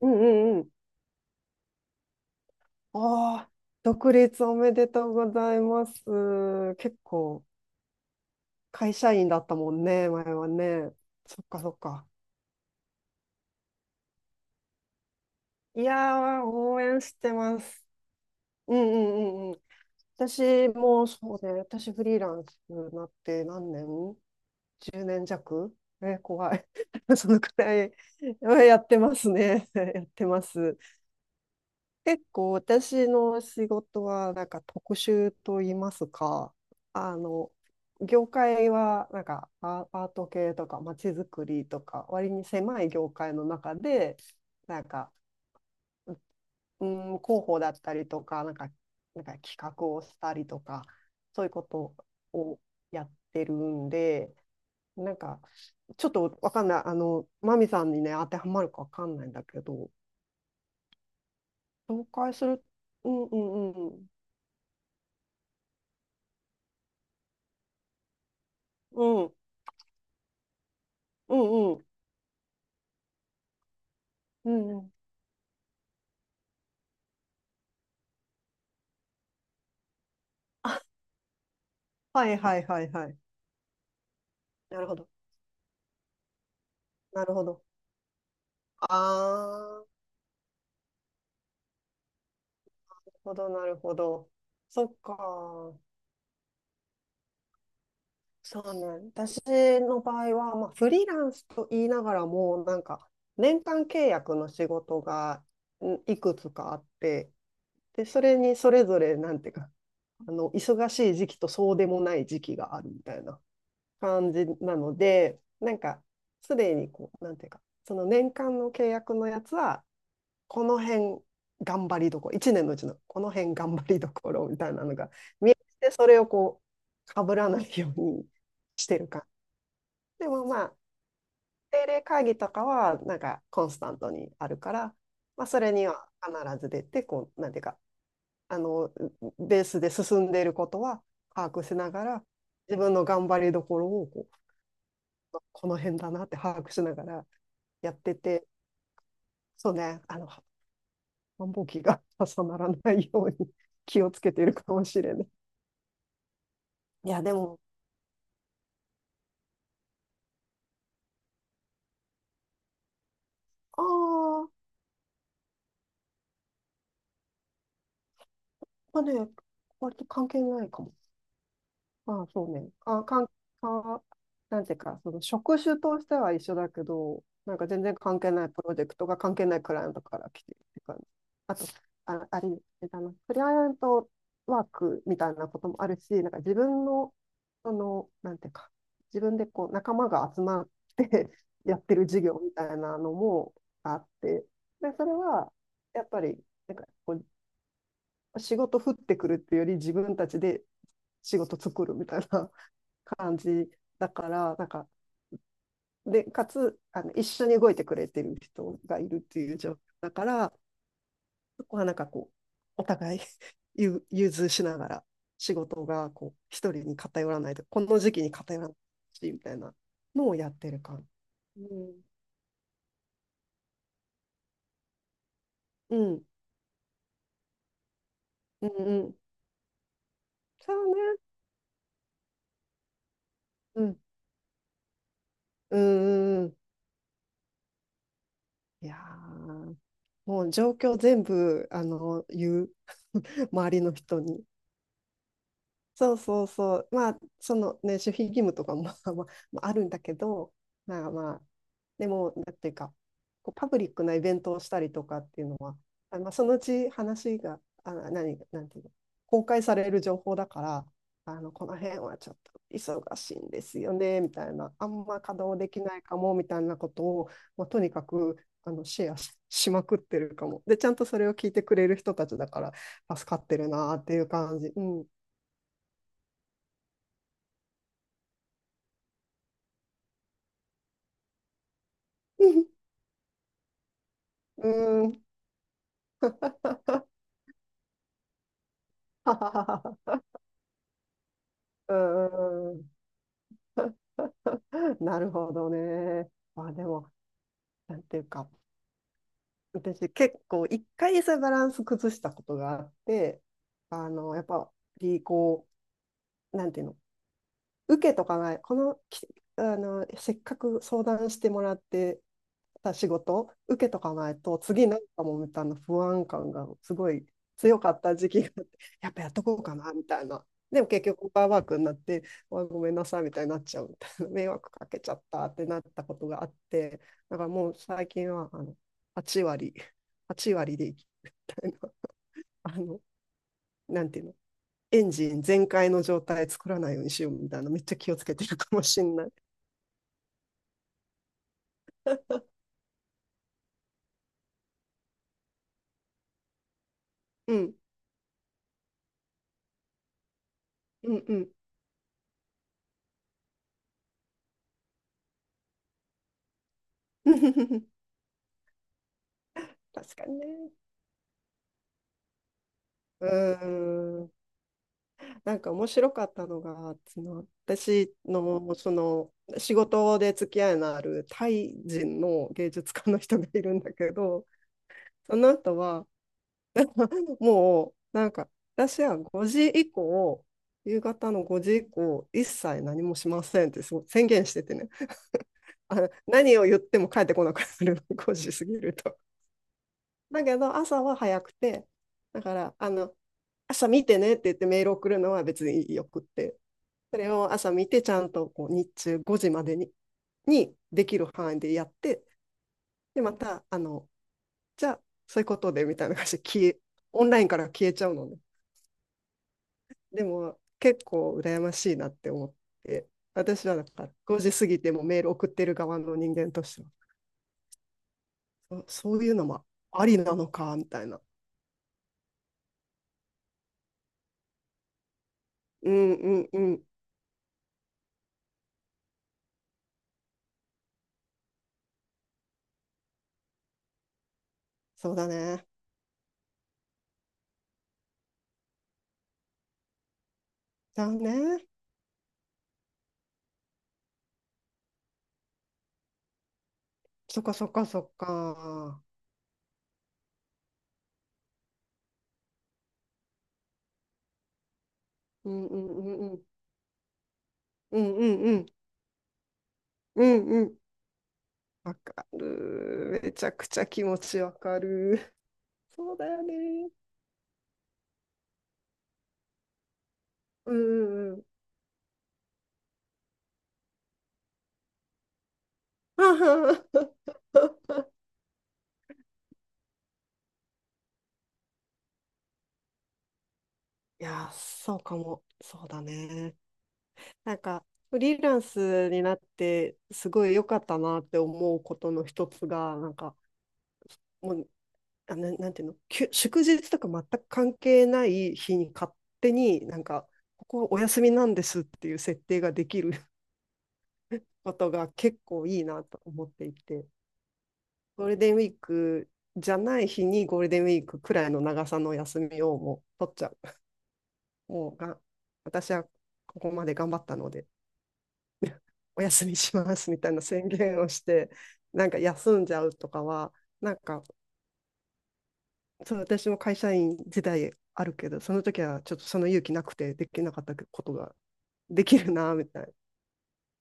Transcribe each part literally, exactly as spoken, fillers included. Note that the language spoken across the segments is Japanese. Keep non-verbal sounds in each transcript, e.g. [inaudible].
うんうんうん。ああ、独立おめでとうございます。結構、会社員だったもんね、前はね。そっかそっか。いやー、応援してます。うんうんうんうん。私もそうね、私フリーランスになって何年？ じゅうねんじゃく 年弱。え、怖い。[laughs] そのくらいやってますね。[laughs] やってます。結構私の仕事はなんか特殊と言いますか、あの、業界はなんかアアート系とかまちづくりとか割に狭い業界の中で、なんか、ううん、広報だったりとか、なんか、なんか企画をしたりとか、そういうことをやってるんで、なんか、ちょっとわかんない、あの、マミさんにね、当てはまるかわかんないんだけど、紹介する、うんうんうん。うんうんうん。うんうん。あ、はいはいはいはい。なるほど。なるほど。ああ、なるほど、なるほど。そっか。そうね。私の場合は、まあ、フリーランスと言いながらも、なんか、年間契約の仕事がんいくつかあって、で、それにそれぞれ、なんていうか、あの、忙しい時期とそうでもない時期があるみたいな感じなので、なんか、すでにこう、なんていうか、その年間の契約のやつは、この辺頑張りどころ、いちねんのうちのこの辺頑張りどころみたいなのが見えて、それをこう、かぶらないようにしてるか。でもまあ、定例会議とかは、なんかコンスタントにあるから、まあ、それには必ず出て、こう、なんていうか、あの、ベースで進んでいることは把握しながら、自分の頑張りどころをこう、この辺だなって把握しながらやってて、そうね、あの、繁忙期が重ならないように [laughs] 気をつけているかもしれない。いや、でも、ああ、まあね、割と関係ないかも。まあそうね。あ、かん、か、なんていうか、その職種としては一緒だけど、なんか全然関係ないプロジェクトが関係ないクライアントから来てるって感じ。あと、あ、あれ、あの、クライアントワークみたいなこともあるし、なんか自分の、その、なんていうか、自分でこう仲間が集まって [laughs] やってる事業みたいなのもあって、で、それは、やっぱり、なんかこう、仕事降ってくるっていうより自分たちで仕事作るみたいな感じだから、なんか、で、かつ、あの、一緒に動いてくれてる人がいるっていう状況だから、そこはなんかこう、お互い [laughs] 融融通しながら仕事がこう、一人に偏らないと、この時期に偏らないし、みたいなのをやってる感じ。うん、うん、うん、うん。そうね。うん、うん、うん。いやー、もう状況全部、あの、言う。[laughs] 周りの人に。そうそうそう。まあ、そのね、守秘義務とかも [laughs] まあ、まあ、あるんだけど、まあまあ、でも、なんていうか、こうパブリックなイベントをしたりとかっていうのは、あ、まあ、そのうち話が、あ、何、なんていうの、公開される情報だから、あの、この辺はちょっと忙しいんですよね、みたいな、あんま稼働できないかも、みたいなことを、まあ、とにかく、あの、シェアし、[laughs] しまくってるかも。で、ちゃんとそれを聞いてくれる人たちだから、助かってるなっていう感じ。うん。[laughs] うん。[laughs] うんうんうん。 [laughs] なるほどね。まあでも、なんていうか、私結構一回そういうバランス崩したことがあって、あの、やっぱりこう、なんていうの、受けとかない、この、きあの、せっかく相談してもらって、た仕事を受けとかないと次なんかもみたいな不安感がすごい強かった時期があって、やっぱやっとこうかなみたいな、でも結局オーバーワークになって、わごめんなさいみたいになっちゃうみたいな、迷惑かけちゃったってなったことがあって、だからもう最近はあの8割8割で生きるみたいな、 [laughs] あの、なんていうの、エンジン全開の状態作らないようにしようみたいな、めっちゃ気をつけてるかもしんない。うん、うん、うん。[laughs] 確かにね。うーん。なんか面白かったのが、その私のその仕事で付き合いのあるタイ人の芸術家の人がいるんだけど、その人は [laughs] もうなんか私はごじ以降、夕方のごじ以降、一切何もしませんって宣言しててね、あの何を言っても帰ってこなくなる、ごじ過ぎると。だけど朝は早くて、だからあの朝見てねって言ってメール送るのは別によくって。それを朝見て、ちゃんとこう日中ごじまでに、にできる範囲でやって、で、また、あの、じゃあ、そういうことでみたいな感じで消え、オンラインから消えちゃうのね。でも、結構羨ましいなって思って、私はなんかごじ過ぎてもメール送ってる側の人間としては、そそういうのもありなのか、みたいな。うんうんうん。そうだね。じゃあね。そっかそっかそっか。うんうんうんうん。うんうんうん。うんうん、わかる。めちゃくちゃ気持ちわかる。そうだよね。うんうんうん。[laughs] いやー、そうかも。そうだね。なんか、フリーランスになって、すごい良かったなって思うことの一つが、なんか、もう、あ、な、なんていうの、きゅ祝日とか全く関係ない日に勝手になんか、ここはお休みなんですっていう設定ができることが結構いいなと思っていて。ゴールデンウィークじゃない日にゴールデンウィークくらいの長さの休みをもう取っちゃう。もうが、私はここまで頑張ったのでお休みしますみたいな宣言をして、なんか休んじゃうとかは、なんか、そう、私も会社員時代あるけど、その時はちょっとその勇気なくてできなかったことができるな、みたいな。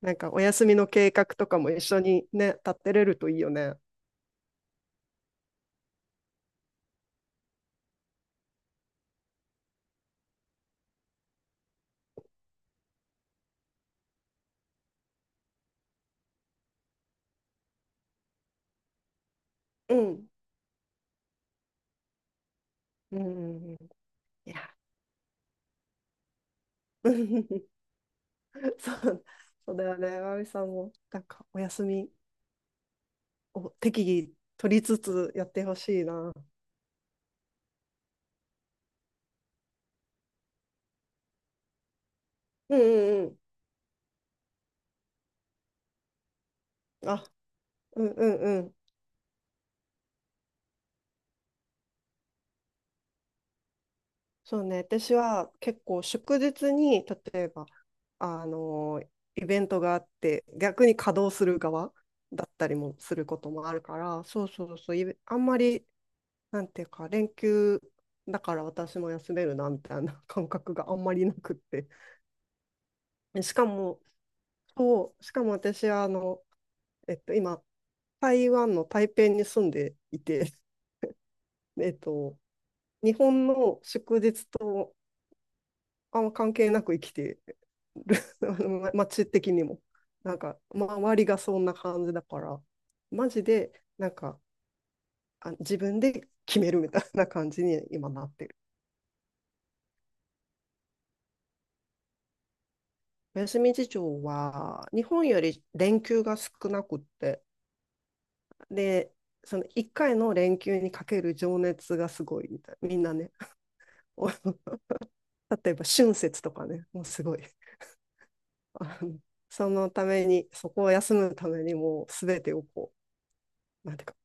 なんかお休みの計画とかも一緒にね、立てれるといいよね。うん。うん。いや。[laughs] [laughs] そうそうだよね、まみさんも、なんか、お休みを適宜取りつつやってほしいな。うんうんうん。あ、うんうんうん。そうね、私は結構祝日に、例えば、あのー、イベントがあって、逆に稼働する側だったりもすることもあるから、そうそうそう、イベあんまり、なんていうか、連休だから私も休めるな、みたいな [laughs] 感覚があんまりなくって。しかも、そう、しかも私はあの、えっと、今、台湾の台北に住んでいて、[laughs] えっと、日本の祝日とあんま関係なく生きてる、[laughs] 街的にも。なんか、周りがそんな感じだから、マジで、なんか、あ、自分で決めるみたいな感じに今なってる。お休み事情は、日本より連休が少なくって、で、そのいっかいの連休にかける情熱がすごいみたいな。みんなね、例えば春節とかね、もうすごい。 [laughs]。そのために、そこを休むためにもうすべてをこう、なんていうか、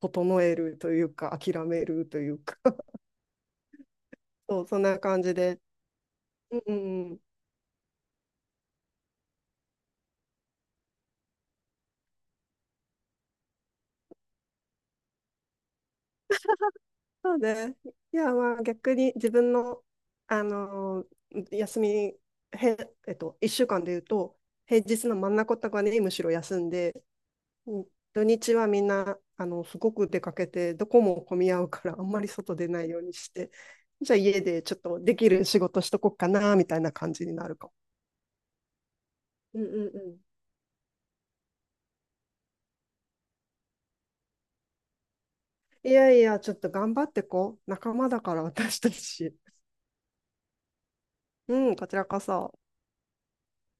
整えるというか、諦めるというか、 [laughs]、そう、そんな感じで。うんうんうん。そうで、いや、まあ逆に自分の、あのー休み、へ、えっと、いっしゅうかんで言うと、平日の真ん中とかにむしろ休んで、うん、土日はみんな、あの、すごく出かけて、どこも混み合うから、あんまり外出ないようにして、じゃあ家でちょっとできる仕事しとこっかな、みたいな感じになるかも。うんうんうん。いやいや、ちょっと頑張ってこう。仲間だから、私たち。うん、こちらこそ。